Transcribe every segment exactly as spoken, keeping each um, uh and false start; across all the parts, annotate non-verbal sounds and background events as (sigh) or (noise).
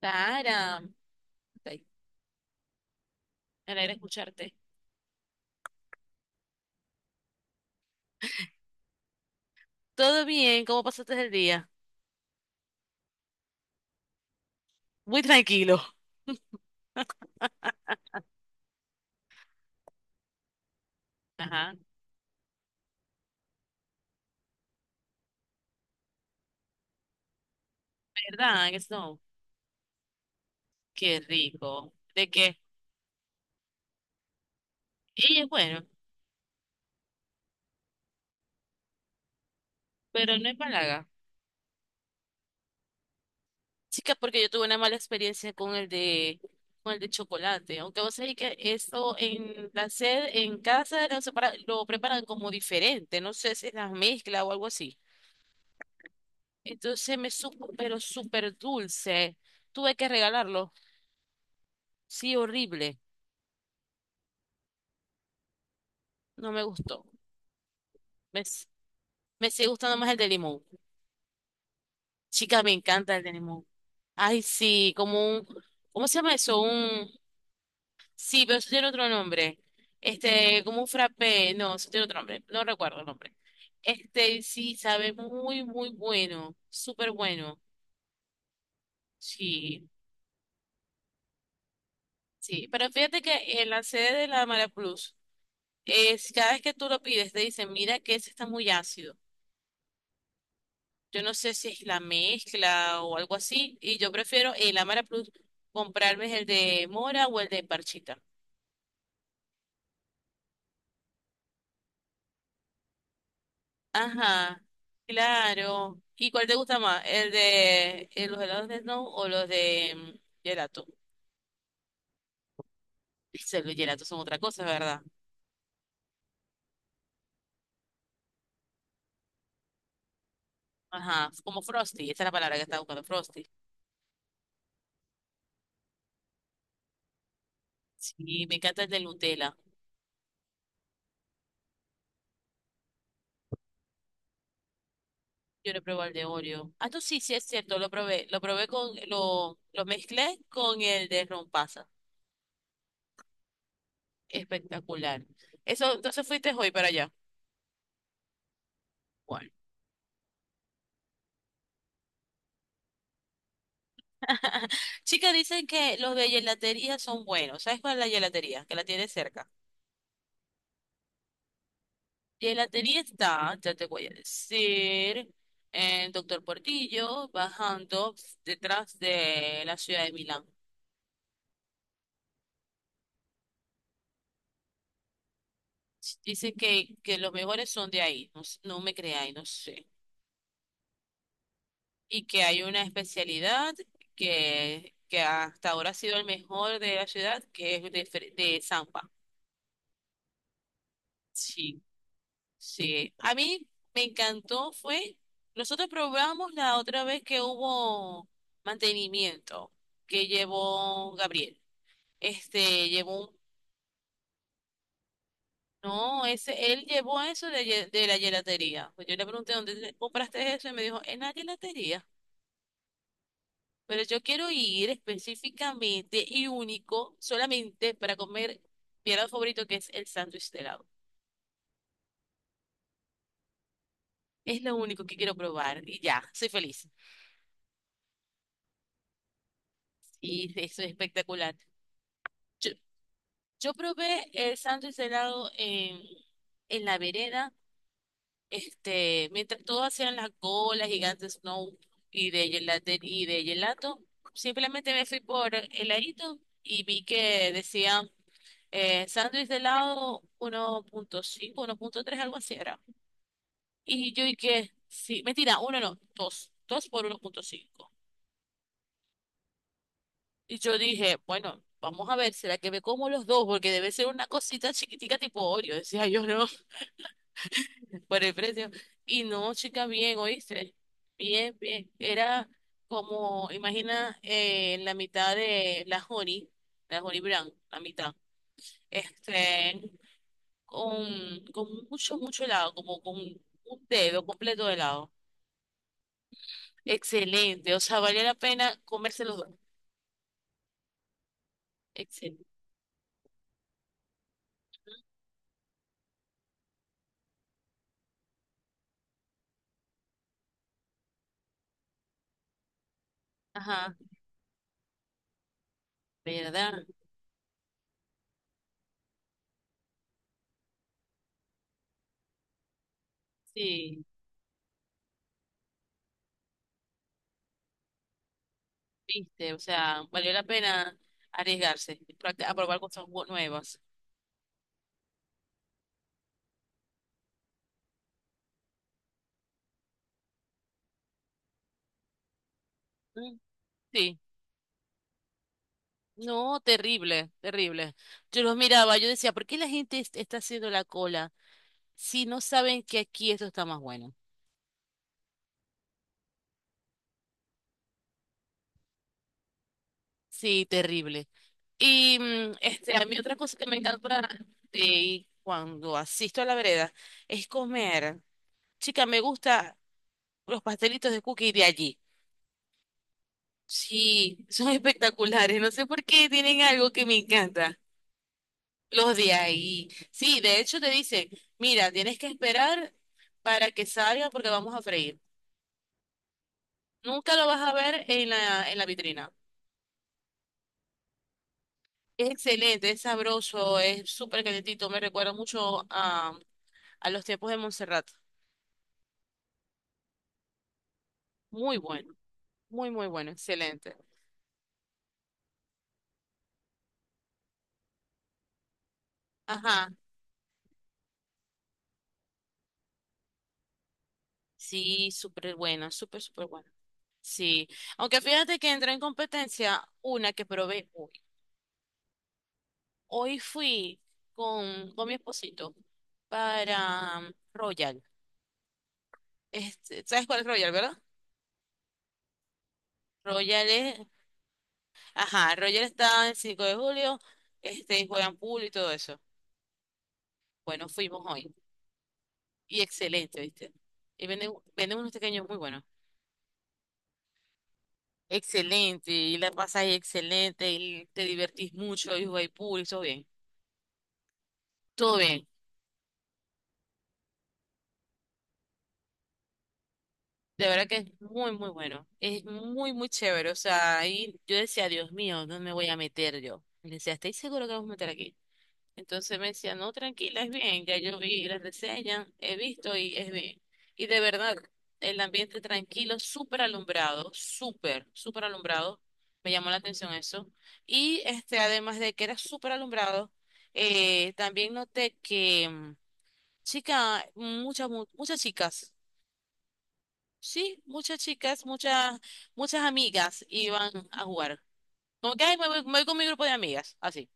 Clara, estoy- me alegra escucharte. ¿Todo bien? ¿Cómo pasaste el día? Muy tranquilo. (laughs) Ajá, ¿verdad? Eso, qué rico. ¿De qué? Y es bueno, pero no es palaga. Chica, porque yo tuve una mala experiencia con el de, con el de chocolate. Aunque vos sabés que eso en la sed, en casa lo, separa- lo preparan como diferente. No sé si es la mezcla o algo así. Entonces me supo, pero súper dulce. Tuve que regalarlo. Sí, horrible. No me gustó. ¿Ves? Me sigue gustando más el de limón. Chica, me encanta el de limón. Ay, sí, como un, ¿cómo se llama eso? Un, sí, pero eso tiene otro nombre. Este, como un frappé, no, eso tiene otro nombre, no recuerdo el nombre. Este, sí, sabe muy, muy bueno, súper bueno. Sí, sí, pero fíjate que en la sede de la Mara Plus, es, cada vez que tú lo pides, te dicen, mira que ese está muy ácido. Yo no sé si es la mezcla o algo así. Y yo prefiero el Amara Plus, comprarme el de mora o el de parchita. Ajá, claro. ¿Y cuál te gusta más? ¿El de eh, los helados de Snow o los de mm, gelato? Ese, los gelatos son otra cosa, ¿verdad? Ajá, como Frosty. Esa es la palabra que estaba buscando, Frosty. Sí, me encanta el de Nutella. Yo lo probé el de Oreo. Ah, tú sí, sí, es cierto, lo probé. Lo probé con, lo, lo mezclé con el de rompasas. Espectacular. Eso, entonces fuiste hoy para allá. Bueno. Chicas, dicen que los de gelatería son buenos. ¿Sabes cuál es la gelatería? Que la tiene cerca. Gelatería está, ya te voy a decir, en Doctor Portillo, bajando detrás de la ciudad de Milán. Dicen que, que los mejores son de ahí. No, s- no me creáis, no sé. Y que hay una especialidad que, que hasta ahora ha sido el mejor de la ciudad, que es de, fre- de Zampa. Sí. Sí, a mí me encantó, fue, nosotros probamos la otra vez que hubo mantenimiento que llevó Gabriel. Este, llevó un, no, ese, él llevó eso de, ye- de la gelatería. Pues yo le pregunté dónde te compraste eso y me dijo, en la gelatería. Pero yo quiero ir específicamente y único solamente para comer mi helado favorito que es el sándwich de helado. Es lo único que quiero probar y ya, soy feliz. Y eso es espectacular. Yo probé el sándwich de helado en, en la vereda, este, mientras todos hacían las golas gigantes snow y de gelato, y de gelato, simplemente me fui por heladito y vi que decían eh, sándwich de helado uno punto cinco, uno punto tres algo así era. Y yo dije, sí, mentira, uno no, dos, dos por uno punto cinco. Y yo dije, bueno, vamos a ver, ¿será que me como los dos? Porque debe ser una cosita chiquitica tipo Oreo, decía yo, no, por el precio. Y no, chica, bien, oíste. Bien, bien. Era como, imagina, eh, la mitad de la Jory, la Jory Brown, la mitad. Este, con, con mucho, mucho helado, como con un dedo completo de helado. Excelente. O sea, valía la pena comerse los dos. Excelente. Ajá, ¿verdad? Sí, viste. O sea, valió la pena arriesgarse, practi- a probar cosas bu- nuevas. Mm, sí. No, terrible, terrible. Yo los miraba, yo decía, ¿por qué la gente es- está haciendo la cola si no saben que aquí esto está más bueno? Sí, terrible. Y mm, este, a mí otra cosa que me encanta eh, cuando asisto a la vereda es comer. Chica, me gusta los pastelitos de cookie de allí. Sí, (laughs) son espectaculares. No sé por qué tienen algo que me encanta. Los de ahí. Sí, de hecho te dicen, mira, tienes que esperar para que salga porque vamos a freír. Nunca lo vas a ver en la, en la vitrina. Es excelente, es sabroso, es súper calentito. Me recuerda mucho a, a los tiempos de Montserrat. Muy bueno, muy, muy bueno, excelente. Ajá, sí, súper buena, súper, súper buena. Sí, aunque fíjate que entró en competencia una que probé hoy. Hoy fui con, con mi esposito para um, Royal. Este, ¿sabes cuál es Royal, verdad? Royal es... Ajá, Roger está en cinco de julio, este, juegan pool y todo eso. Bueno, fuimos hoy. Y excelente, ¿viste? Y venden, venden unos pequeños muy buenos. Excelente, y la pasas ahí excelente, y te divertís mucho, y jugáis pool, y todo bien. Todo bien. De verdad que es muy, muy bueno. Es muy, muy chévere. O sea, ahí yo decía, Dios mío, ¿dónde me voy a meter yo? Y le decía, ¿estáis seguro que vamos a meter aquí? Entonces me decía, no, tranquila, es bien, ya yo vi las reseñas, he visto y es bien. Y de verdad, el ambiente tranquilo, súper alumbrado, súper, súper alumbrado, me llamó la atención eso. Y este, además de que era súper alumbrado, eh, también noté que, mm, chica, muchas, mu- muchas chicas, sí, muchas chicas, muchas, muchas amigas iban a jugar. Como que, ay, me voy, me voy con mi grupo de amigas, así.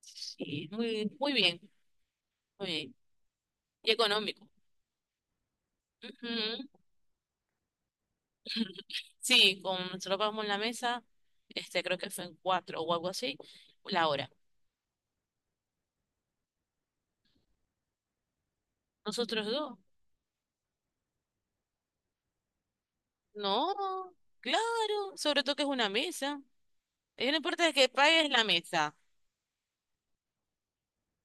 Sí, muy, muy bien, muy bien. Y económico. Ujú. Sí, con, nosotros pagamos en la mesa, este creo que fue en cuatro o algo así, la hora. Nosotros dos. No, claro, sobre todo que es una mesa. Ellos no importa que pagues la mesa.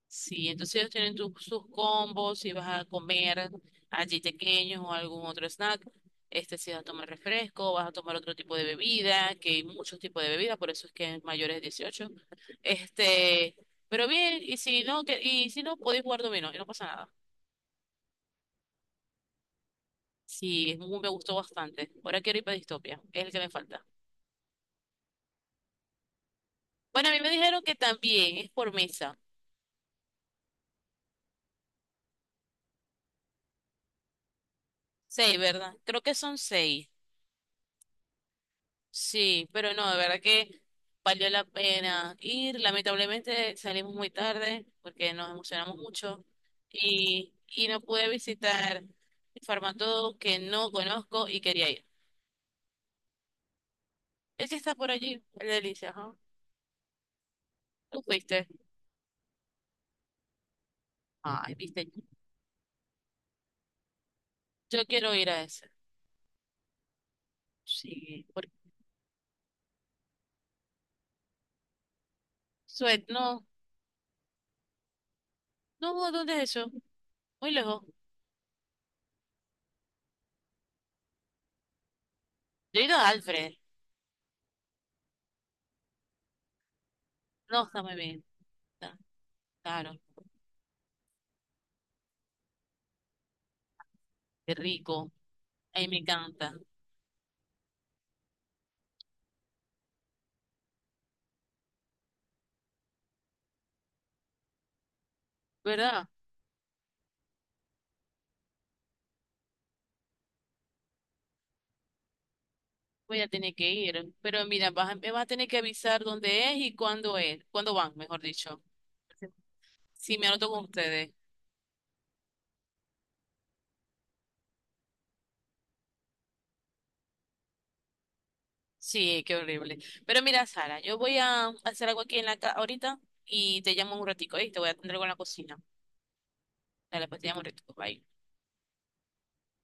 Sí, entonces ellos tienen tu- sus combos, si vas a comer allí pequeños o algún otro snack, este si vas a tomar refresco, vas a tomar otro tipo de bebida, que hay muchos tipos de bebidas, por eso es que es mayores de dieciocho. Este, pero bien, y si no, que, y si no, podéis jugar dominó y no pasa nada. Sí, es muy- me gustó bastante. Ahora quiero ir para Distopia, es el que me falta. Bueno, a mí me dijeron que también es por mesa. Seis, ¿verdad? Creo que son seis. Sí, pero no, de verdad que valió la pena ir. Lamentablemente salimos muy tarde porque nos emocionamos mucho y, y no pude visitar Farmatodo que no conozco y quería ir. El que está por allí, el de Alicia, ajá. ¿Tú fuiste? Ay, viste. Yo quiero ir a ese. Sí, por... Suet, no. No, ¿dónde es eso? Muy lejos. Yo he ido a Alfred. No, está muy bien. Está caro. Qué rico. Ahí me encanta. ¿Verdad? Voy a tener que ir. Pero mira, vas a- me vas a tener que avisar dónde es y cuándo es. Cuándo van, mejor dicho. Sí, me anoto con ustedes. Sí, qué horrible. Pero mira, Sara, yo voy a hacer algo aquí en la casa ahorita y te llamo un ratico, ¿eh? Te voy a atender algo en la cocina. Dale, pues te llamo un ratico. Bye.